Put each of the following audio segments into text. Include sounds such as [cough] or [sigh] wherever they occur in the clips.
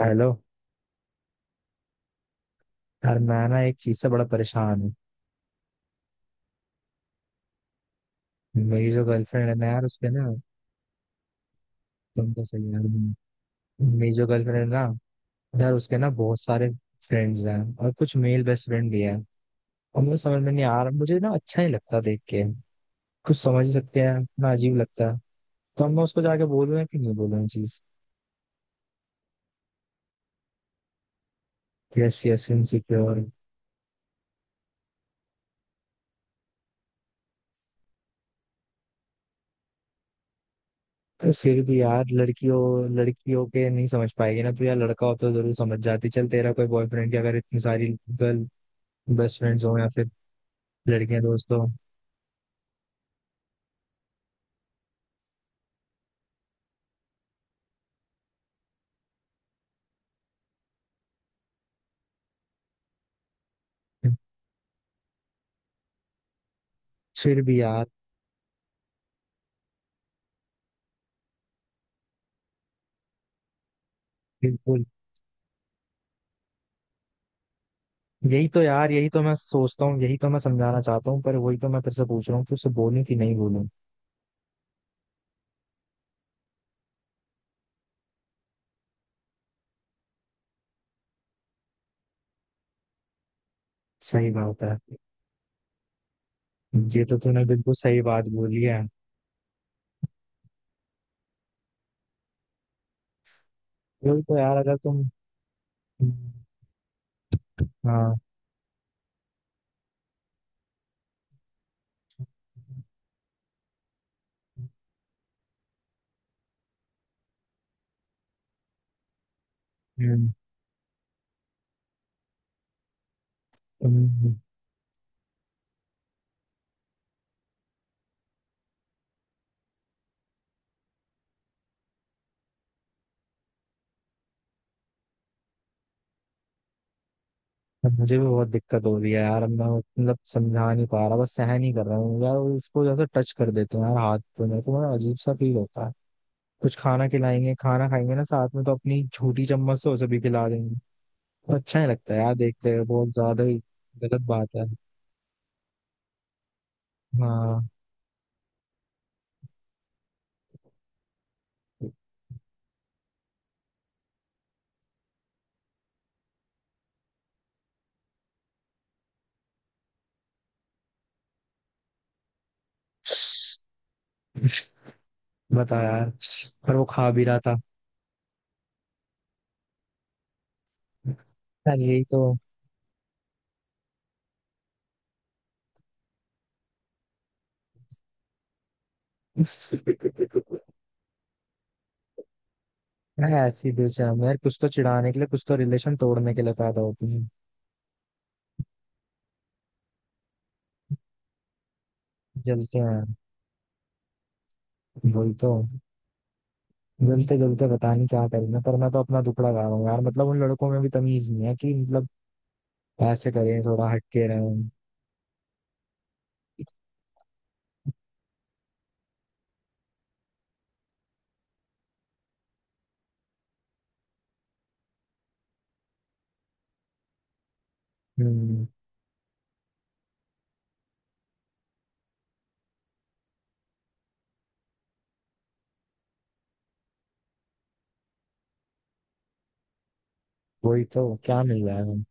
Hello. यार मैं ना एक चीज से बड़ा परेशान हूँ। मेरी जो गर्लफ्रेंड है ना यार, उसके ना। तुम तो सही यार। मेरी जो गर्लफ्रेंड है ना यार, उसके ना बहुत सारे फ्रेंड्स हैं, और कुछ मेल बेस्ट फ्रेंड भी हैं। और मुझे समझ में नहीं आ रहा, मुझे ना अच्छा नहीं लगता देख के। कुछ समझ ही सकते हैं ना, अजीब लगता है। तो अब मैं उसको जाके बोलूँ या कि नहीं बोलूँ चीज। Yes yes insecure. तो फिर भी यार, लड़कियों लड़कियों के नहीं समझ पाएगी ना, तो यार लड़का हो तो जरूर समझ जाती। चल तेरा कोई बॉयफ्रेंड या अगर इतनी सारी गर्ल बेस्ट फ्रेंड्स हो या फिर लड़के दोस्तों। फिर भी यार। बिल्कुल। यही तो यार, यही तो मैं सोचता हूँ, यही तो मैं समझाना चाहता हूँ, पर वही तो मैं तेरे से पूछ रहा हूँ कि उसे बोलूं कि नहीं बोलूं। सही बात है। ये तो तूने बिल्कुल सही बात बोली है। वही तो यार अगर तुम। हाँ। हम्म। हम्म। अब मुझे भी बहुत दिक्कत हो रही है यार। अब मैं मतलब समझा नहीं पा रहा, बस सहन ही कर रहा हूँ यार। उसको जैसे टच कर देते हैं यार हाथ पे, मेरे को बड़ा अजीब सा फील होता है। कुछ खाना खिलाएंगे, खाना खाएंगे ना साथ में, तो अपनी छोटी चम्मच से उसे भी खिला देंगे। अच्छा ही लगता है यार देखते हुए बहुत ज्यादा ही। गलत बात है। हाँ। बता यार। पर वो खा भी रहा था। यार यही तो है ऐसी बेशरम यार। कुछ तो चिढ़ाने के लिए, कुछ तो रिलेशन तोड़ने के लिए पैदा होती है। जलते हैं यार। वही तो। जलते जलते पता नहीं क्या करेंगे, पर मैं तो अपना दुखड़ा गा रहा हूँ यार। मतलब उन लड़कों में भी तमीज नहीं है कि मतलब ऐसे करें, थोड़ा हटके रहें। हम्म। वही तो, क्या मिल रहा है।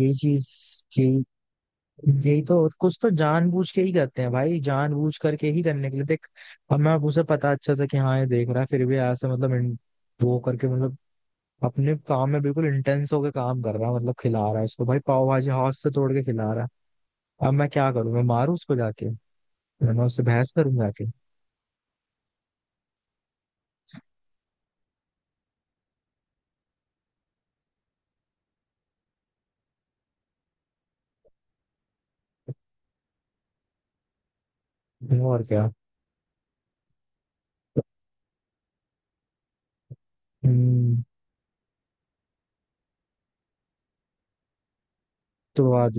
यही चीज यही। यही तो, कुछ तो जानबूझ के ही करते हैं भाई, जानबूझ करके ही करने के लिए देख। हमें अब मैं उसे पता अच्छा सा कि हाँ ये देख रहा है, फिर भी यहाँ से मतलब वो करके मतलब अपने काम में बिल्कुल इंटेंस होकर काम कर रहा है, मतलब खिला रहा है उसको भाई पाव भाजी हाथ से तोड़ के खिला रहा है। अब मैं क्या करूं, मैं मारू उसको जाके, मैं उससे बहस करूं जाके। और क्या। हम्म। तो आज।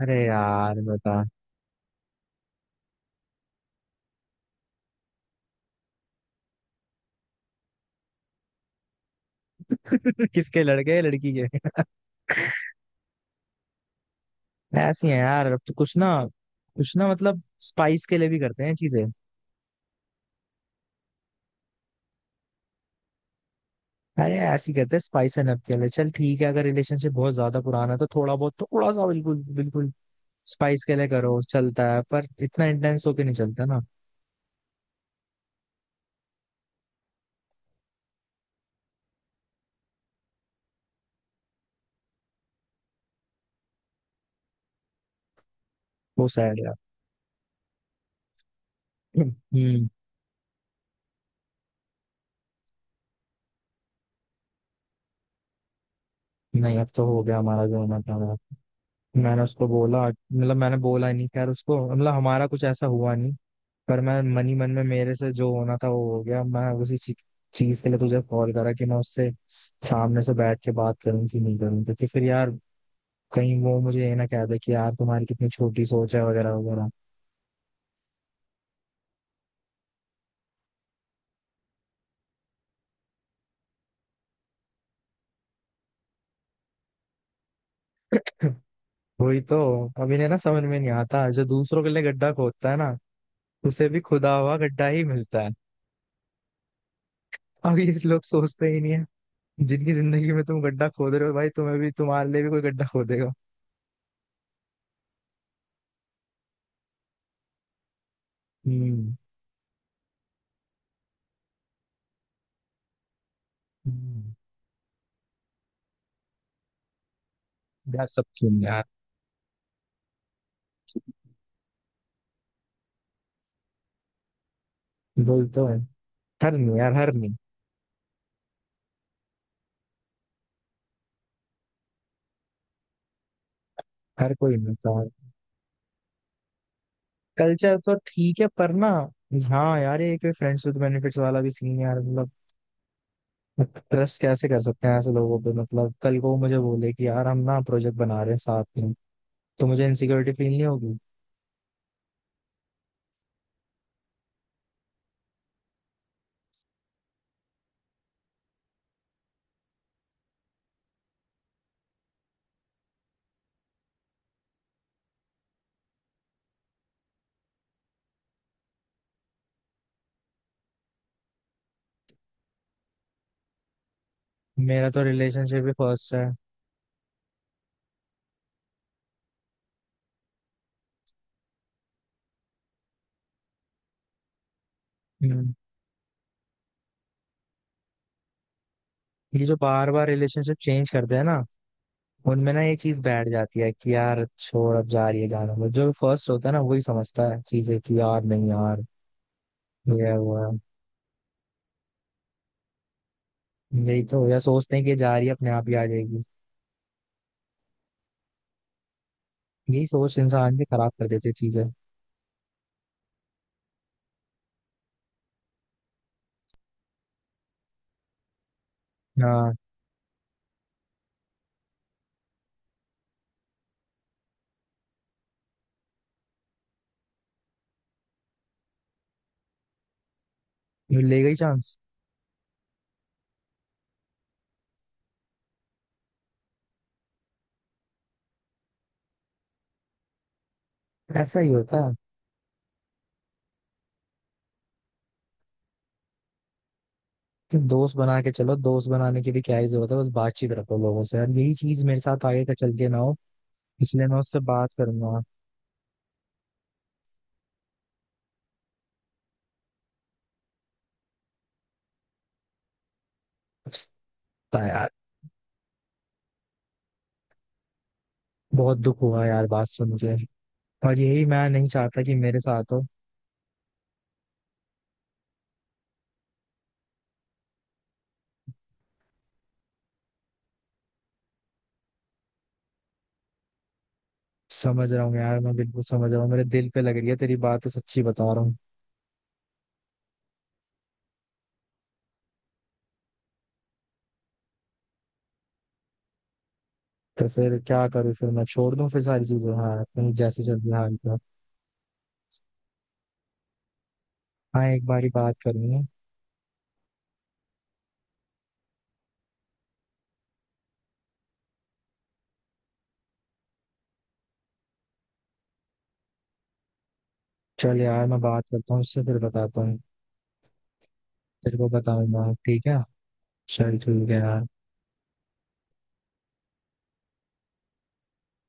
अरे यार बता। [laughs] किसके लड़के हैं, लड़की के। ऐसी है यार, अब तो कुछ ना। कुछ ना मतलब स्पाइस के लिए भी करते हैं चीजें। अरे ऐसे ही करते हैं स्पाइस एंड हब के लिए। चल ठीक है, अगर रिलेशनशिप बहुत ज्यादा पुराना है तो थोड़ा बहुत, थोड़ा सा, बिल्कुल बिल्कुल स्पाइस के लिए करो चलता है, पर इतना इंटेंस होके नहीं चलता ना। वो सैड यार। हम्म। नहीं अब तो हो गया हमारा जो होना था यार। मैंने उसको बोला, मतलब मैंने बोला नहीं खैर उसको, मतलब हमारा कुछ ऐसा हुआ नहीं। पर मैं मन ही मन में, मेरे से जो होना था वो हो गया। मैं उसी चीज चीज के लिए तुझे कॉल करा कि मैं उससे सामने से बैठ के बात करूं कि नहीं करूं, क्योंकि फिर यार कहीं वो मुझे ये ना कह दे कि यार तुम्हारी कितनी छोटी सोच है वगैरह वगैरह। [laughs] वही तो। अब इन्हें ना समझ में नहीं आता, जो दूसरों के लिए गड्ढा खोदता है ना, उसे भी खुदा हुआ गड्ढा ही मिलता है। अब ये लोग सोचते ही नहीं है। जिनकी जिंदगी में तुम गड्ढा खोद रहे हो भाई, तुम्हें भी, तुम्हारे लिए भी कोई गड्ढा खोदेगा। हम्म। हम्म। यार सब क्यों नहीं यार। वही तो है। हर नहीं यार, हर नहीं। हर कोई नहीं होता है। कल्चर तो ठीक है पर ना। हाँ यार, ये एक फ्रेंड्स विद बेनिफिट्स वाला भी सीन यार, मतलब ट्रस्ट कैसे कर सकते हैं ऐसे लोगों पे। मतलब कल को वो मुझे बोले कि यार हम ना प्रोजेक्ट बना रहे हैं साथ में, तो मुझे इनसिक्योरिटी फील नहीं होगी। मेरा तो रिलेशनशिप भी फर्स्ट है। हम्म। ये जो बार बार रिलेशनशिप चेंज करते हैं ना, उनमें ना ये चीज बैठ जाती है कि यार छोड़ अब जा रही है जाना। वो जो फर्स्ट होता है ना, वही समझता है चीजें कि यार नहीं यार। ये हुआ है। यही तो, या सोचते हैं कि ये जा रही है अपने आप ही आ जाएगी। यही सोच इंसान की खराब कर देती है चीजें। हाँ, ये ले गई चांस। ऐसा ही होता है। कि दोस्त बना के चलो, दोस्त बनाने की भी क्या ही जरूरत है, बस बातचीत रखो लोगों से यार। यही चीज मेरे साथ आगे का चल के ना हो, इसलिए मैं उससे बात करूंगा। पछता। यार बहुत दुख हुआ यार बात सुन के, और यही मैं नहीं चाहता कि मेरे साथ हो। समझ रहा हूँ यार, मैं बिल्कुल समझ रहा हूँ, मेरे दिल पे लग रही है तेरी बात, सच्ची बता रहा हूँ। तो फिर क्या करूँ, फिर मैं छोड़ दूँ फिर सारी चीजें, हाँ अपनी जैसे चल रही हाल पर। हाँ, एक बार ही बात करनी है। चल यार मैं बात करता हूँ उससे, फिर बताता हूँ। तेरे को बताऊंगा ठीक है। चल ठीक है यार।